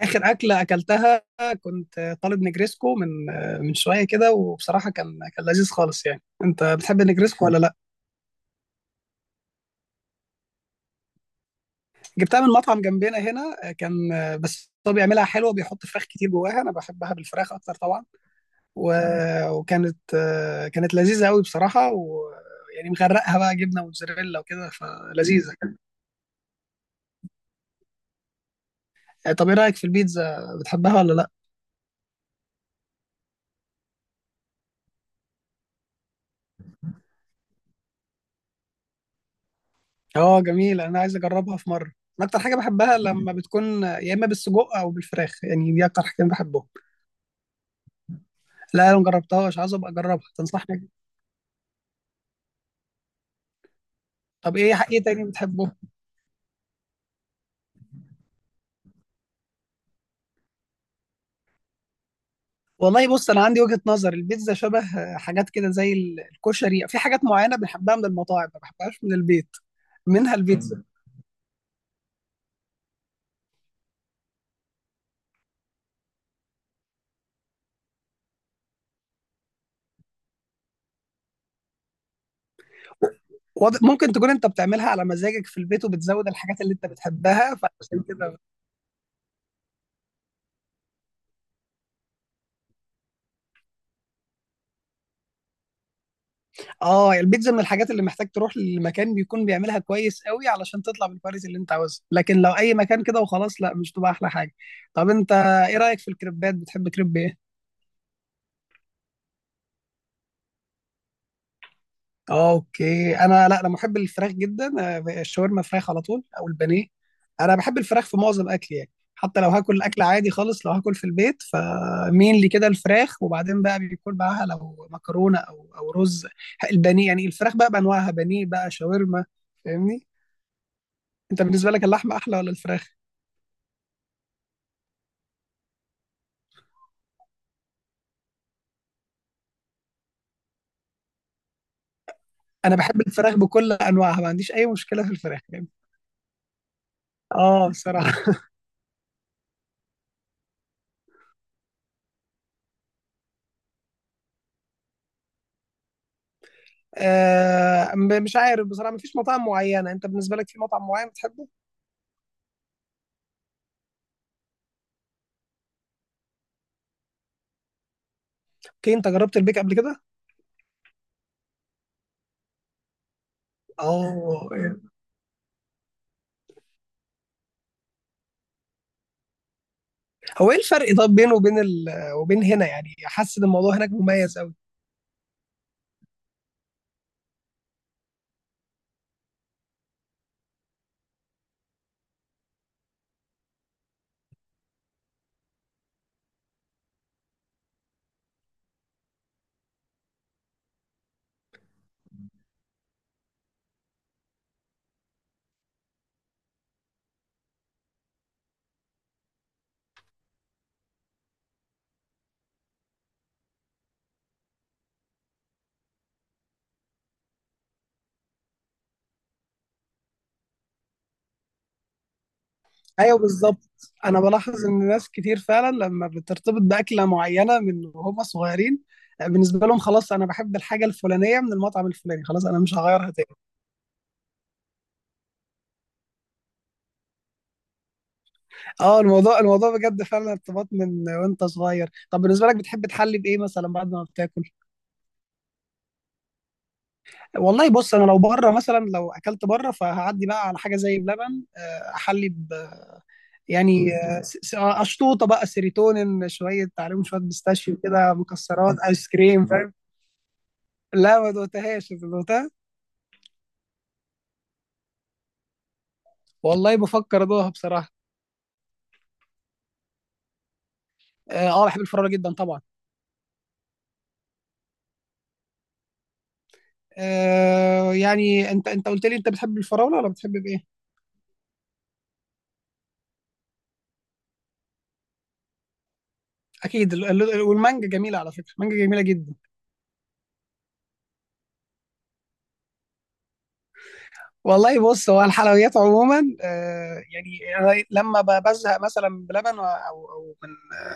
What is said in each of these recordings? اخر اكله اكلتها. كنت طالب نجريسكو من شويه كده، وبصراحه كان لذيذ خالص. يعني انت بتحب النجريسكو ولا لا؟ جبتها من مطعم جنبنا هنا، كان بس هو بيعملها حلوه، بيحط فراخ كتير جواها. انا بحبها بالفراخ اكتر طبعا. و... وكانت كانت لذيذه قوي بصراحه، يعني مغرقها بقى جبنه موتزاريلا وكده فلذيذه. طب ايه رايك في البيتزا، بتحبها ولا لا؟ اه جميله، انا عايز اجربها في مره. أنا اكتر حاجه بحبها لما بتكون يا اما بالسجق او بالفراخ، يعني دي اكتر حاجتين بحبهم. لا انا ما جربتهاش، عايز ابقى اجربها، تنصحني؟ طب ايه تاني بتحبه؟ والله بص انا عندي وجهة نظر، البيتزا شبه حاجات كده زي الكشري، في حاجات معينة بنحبها من المطاعم ما بحبهاش من البيت، منها البيتزا. ممكن تكون انت بتعملها على مزاجك في البيت، وبتزود الحاجات اللي انت بتحبها، فعشان كده. اه البيتزا من الحاجات اللي محتاج تروح لمكان بيكون بيعملها كويس قوي، علشان تطلع بالكواليتي اللي انت عاوزها، لكن لو اي مكان كده وخلاص، لا مش تبقى احلى حاجة. طب انت ايه رأيك في الكريبات، بتحب كريب ايه؟ اوكي، انا لا انا محب الفراخ جدا. الشاورما فراخ على طول او البانيه. انا بحب الفراخ في معظم اكلي يعني، حتى لو هاكل اكل عادي خالص، لو هاكل في البيت فمين لي كده الفراخ، وبعدين بقى بيكون معاها لو مكرونه او رز. البانيه يعني الفراخ بقى بانواعها، بانيه بقى، شاورما، فاهمني؟ انت بالنسبه لك اللحمه احلى ولا الفراخ؟ انا بحب الفراخ بكل انواعها، ما عنديش اي مشكله في الفراخ يعني. اه بصراحه. مش عارف بصراحه، ما فيش مطاعم معينه. انت بالنسبه لك في مطعم معين بتحبه؟ اوكي، انت جربت البيك قبل كده؟ اه يعني. هو ايه الفرق طب بينه وبين هنا؟ يعني حاسس ان الموضوع هناك مميز قوي. ايوه بالظبط، انا بلاحظ ان ناس كتير فعلا لما بترتبط باكله معينه من وهم صغيرين، بالنسبه لهم خلاص انا بحب الحاجه الفلانيه من المطعم الفلاني، خلاص انا مش هغيرها تاني. اه الموضوع بجد فعلا ارتباط من وانت صغير. طب بالنسبه لك بتحب تحلي بايه مثلا بعد ما بتاكل؟ والله بص انا لو بره مثلا، لو اكلت بره، فهعدي بقى على حاجه زي بلبن احلي. يعني اشطوطه بقى، سيروتونين شويه، عليهم شويه بيستاشيو كده، مكسرات، ايس كريم، فاهم. لا ما دوقتهاش، انت دوقتها. والله بفكر ادوقها بصراحه. اه بحب الفراوله جدا طبعا. آه يعني انت قلت لي انت بتحب الفراوله ولا بتحب بايه؟ اكيد والمانجا جميله، على فكره المانجا جميله جدا. والله بص هو الحلويات عموما آه يعني، أنا لما بزهق مثلا بلبن او من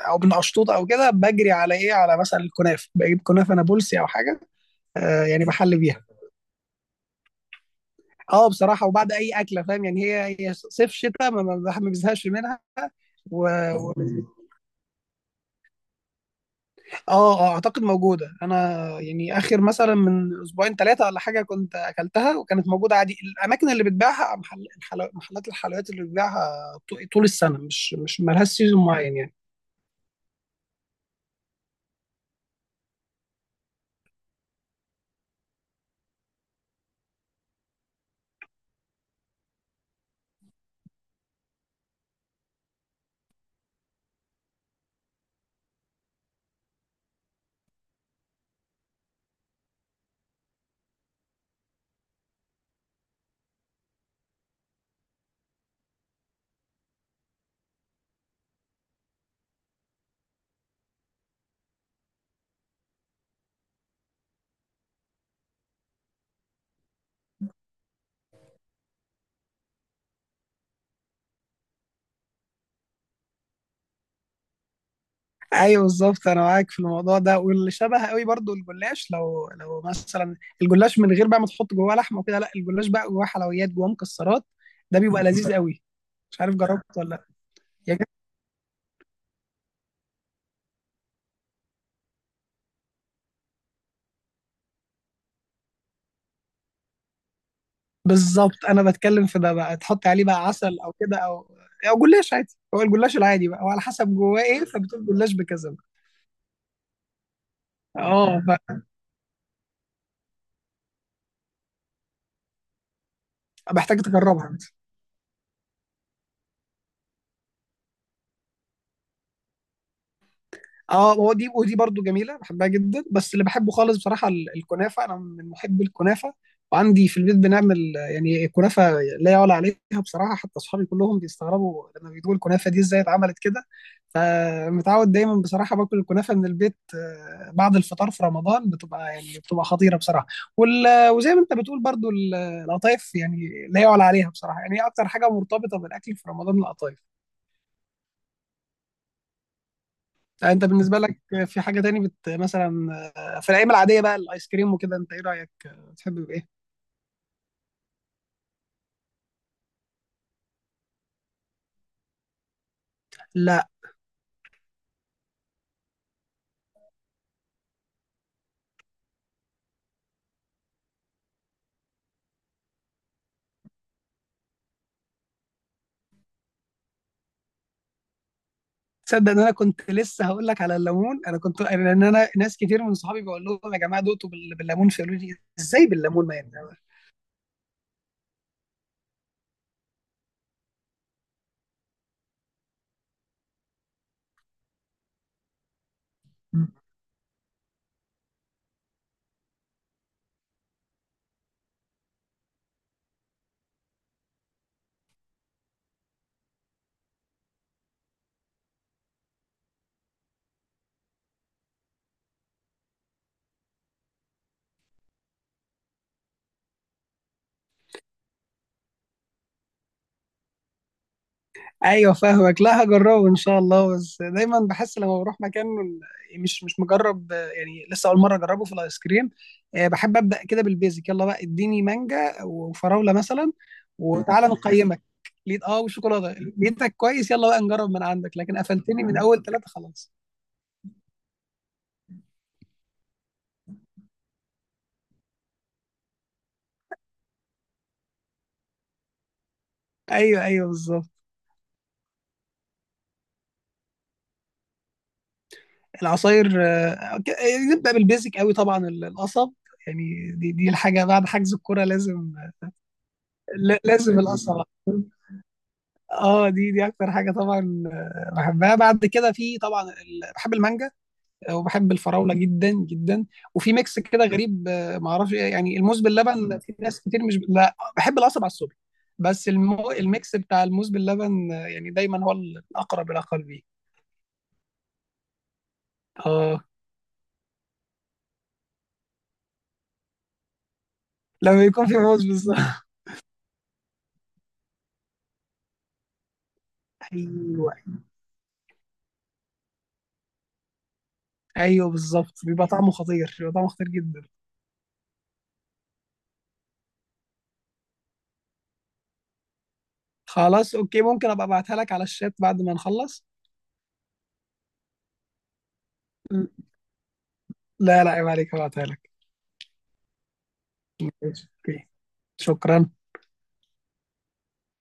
او من اشطوطه او كده، بجري على ايه، على مثلا الكنافه، بجيب كنافه نابلسي او حاجه. آه يعني بحل بيها. اه بصراحه، وبعد اي اكله فاهم يعني، هي صيف شتاء ما الواحد ما بزهقش منها. و... و... اه، اعتقد موجوده. انا يعني اخر مثلا من اسبوعين ثلاثه ولا حاجه كنت اكلتها، وكانت موجوده عادي. الاماكن اللي بتبيعها، محلات الحلويات اللي بتبيعها طول السنه، مش مالهاش سيزون معين يعني. ايوه بالظبط انا معاك في الموضوع ده، واللي شبه قوي برضو الجلاش. لو مثلا الجلاش من غير بقى ما تحط جواه لحمه وكده، لا الجلاش بقى جواه حلويات، جواه مكسرات، ده بيبقى لذيذ قوي. مش عارف جربت ولا لا؟ يا جد- بالظبط انا بتكلم في ده. بقى تحط عليه بقى عسل او كده، او جلاش عادي، هو الجلاش العادي بقى، وعلى حسب جواه ايه فبتقول جلاش بكذا بقى. اه فبحتاج تجربها. اه هو دي ودي برضو جميله، بحبها جدا، بس اللي بحبه خالص بصراحه الكنافه، انا من محبي الكنافه. وعندي في البيت بنعمل يعني كنافه لا يعلى عليها بصراحه، حتى اصحابي كلهم بيستغربوا لما بيقولوا الكنافه دي ازاي اتعملت كده. فمتعود دايما بصراحه باكل الكنافه من البيت. بعد الفطار في رمضان بتبقى يعني خطيره بصراحه. وزي ما انت بتقول برضو القطايف يعني لا يعلى عليها بصراحه، يعني هي اكتر حاجه مرتبطه بالاكل في رمضان القطايف. يعني انت بالنسبه لك في حاجه تاني مثلا، في الايام العاديه بقى الايس كريم وكده، انت ايه رايك، بتحب بايه؟ لا. تصدق ان انا كنت لسه هقول لك على الليمون؟ انا كنت لان انا ناس كتير من صحابي بقول لهم يا جماعه دقتوا بالليمون، فيقولوا لي ازاي بالليمون، ما يعني. ايوه فاهمك، لا هجربه ان شاء الله، بس دايما بحس لما بروح مكان مش مجرب يعني، لسه اول مره اجربه في الايس كريم. بحب ابدا كده بالبيزك، يلا بقى اديني مانجا وفراوله مثلا. وتعالى نقيمك. لقيت اه وشوكولاته، لقيتك كويس، يلا بقى نجرب من عندك، لكن قفلتني من اول ثلاثه خلاص. ايوه بالظبط. العصاير نبدا بالبيزك قوي طبعا القصب، يعني دي الحاجه بعد حجز الكوره لازم. لازم القصب. اه دي اكتر حاجه طبعا بحبها. بعد كده في طبعا بحب المانجا وبحب الفراوله جدا جدا. وفي ميكس كده غريب، ما اعرفش يعني الموز باللبن. في ناس كتير مش، لا بحب القصب على الصبح، بس الميكس بتاع الموز باللبن، يعني دايما هو الاقرب الى قلبي. اه لما يكون في موز بالظبط. ايوه ايوه بالظبط، بيبقى طعمه خطير، بيبقى طعمه خطير جدا. خلاص اوكي، ممكن ابقى ابعتها لك على الشات بعد ما نخلص. لا عيب عليك، هبعتها لك. ماشي، اوكي، شكرا.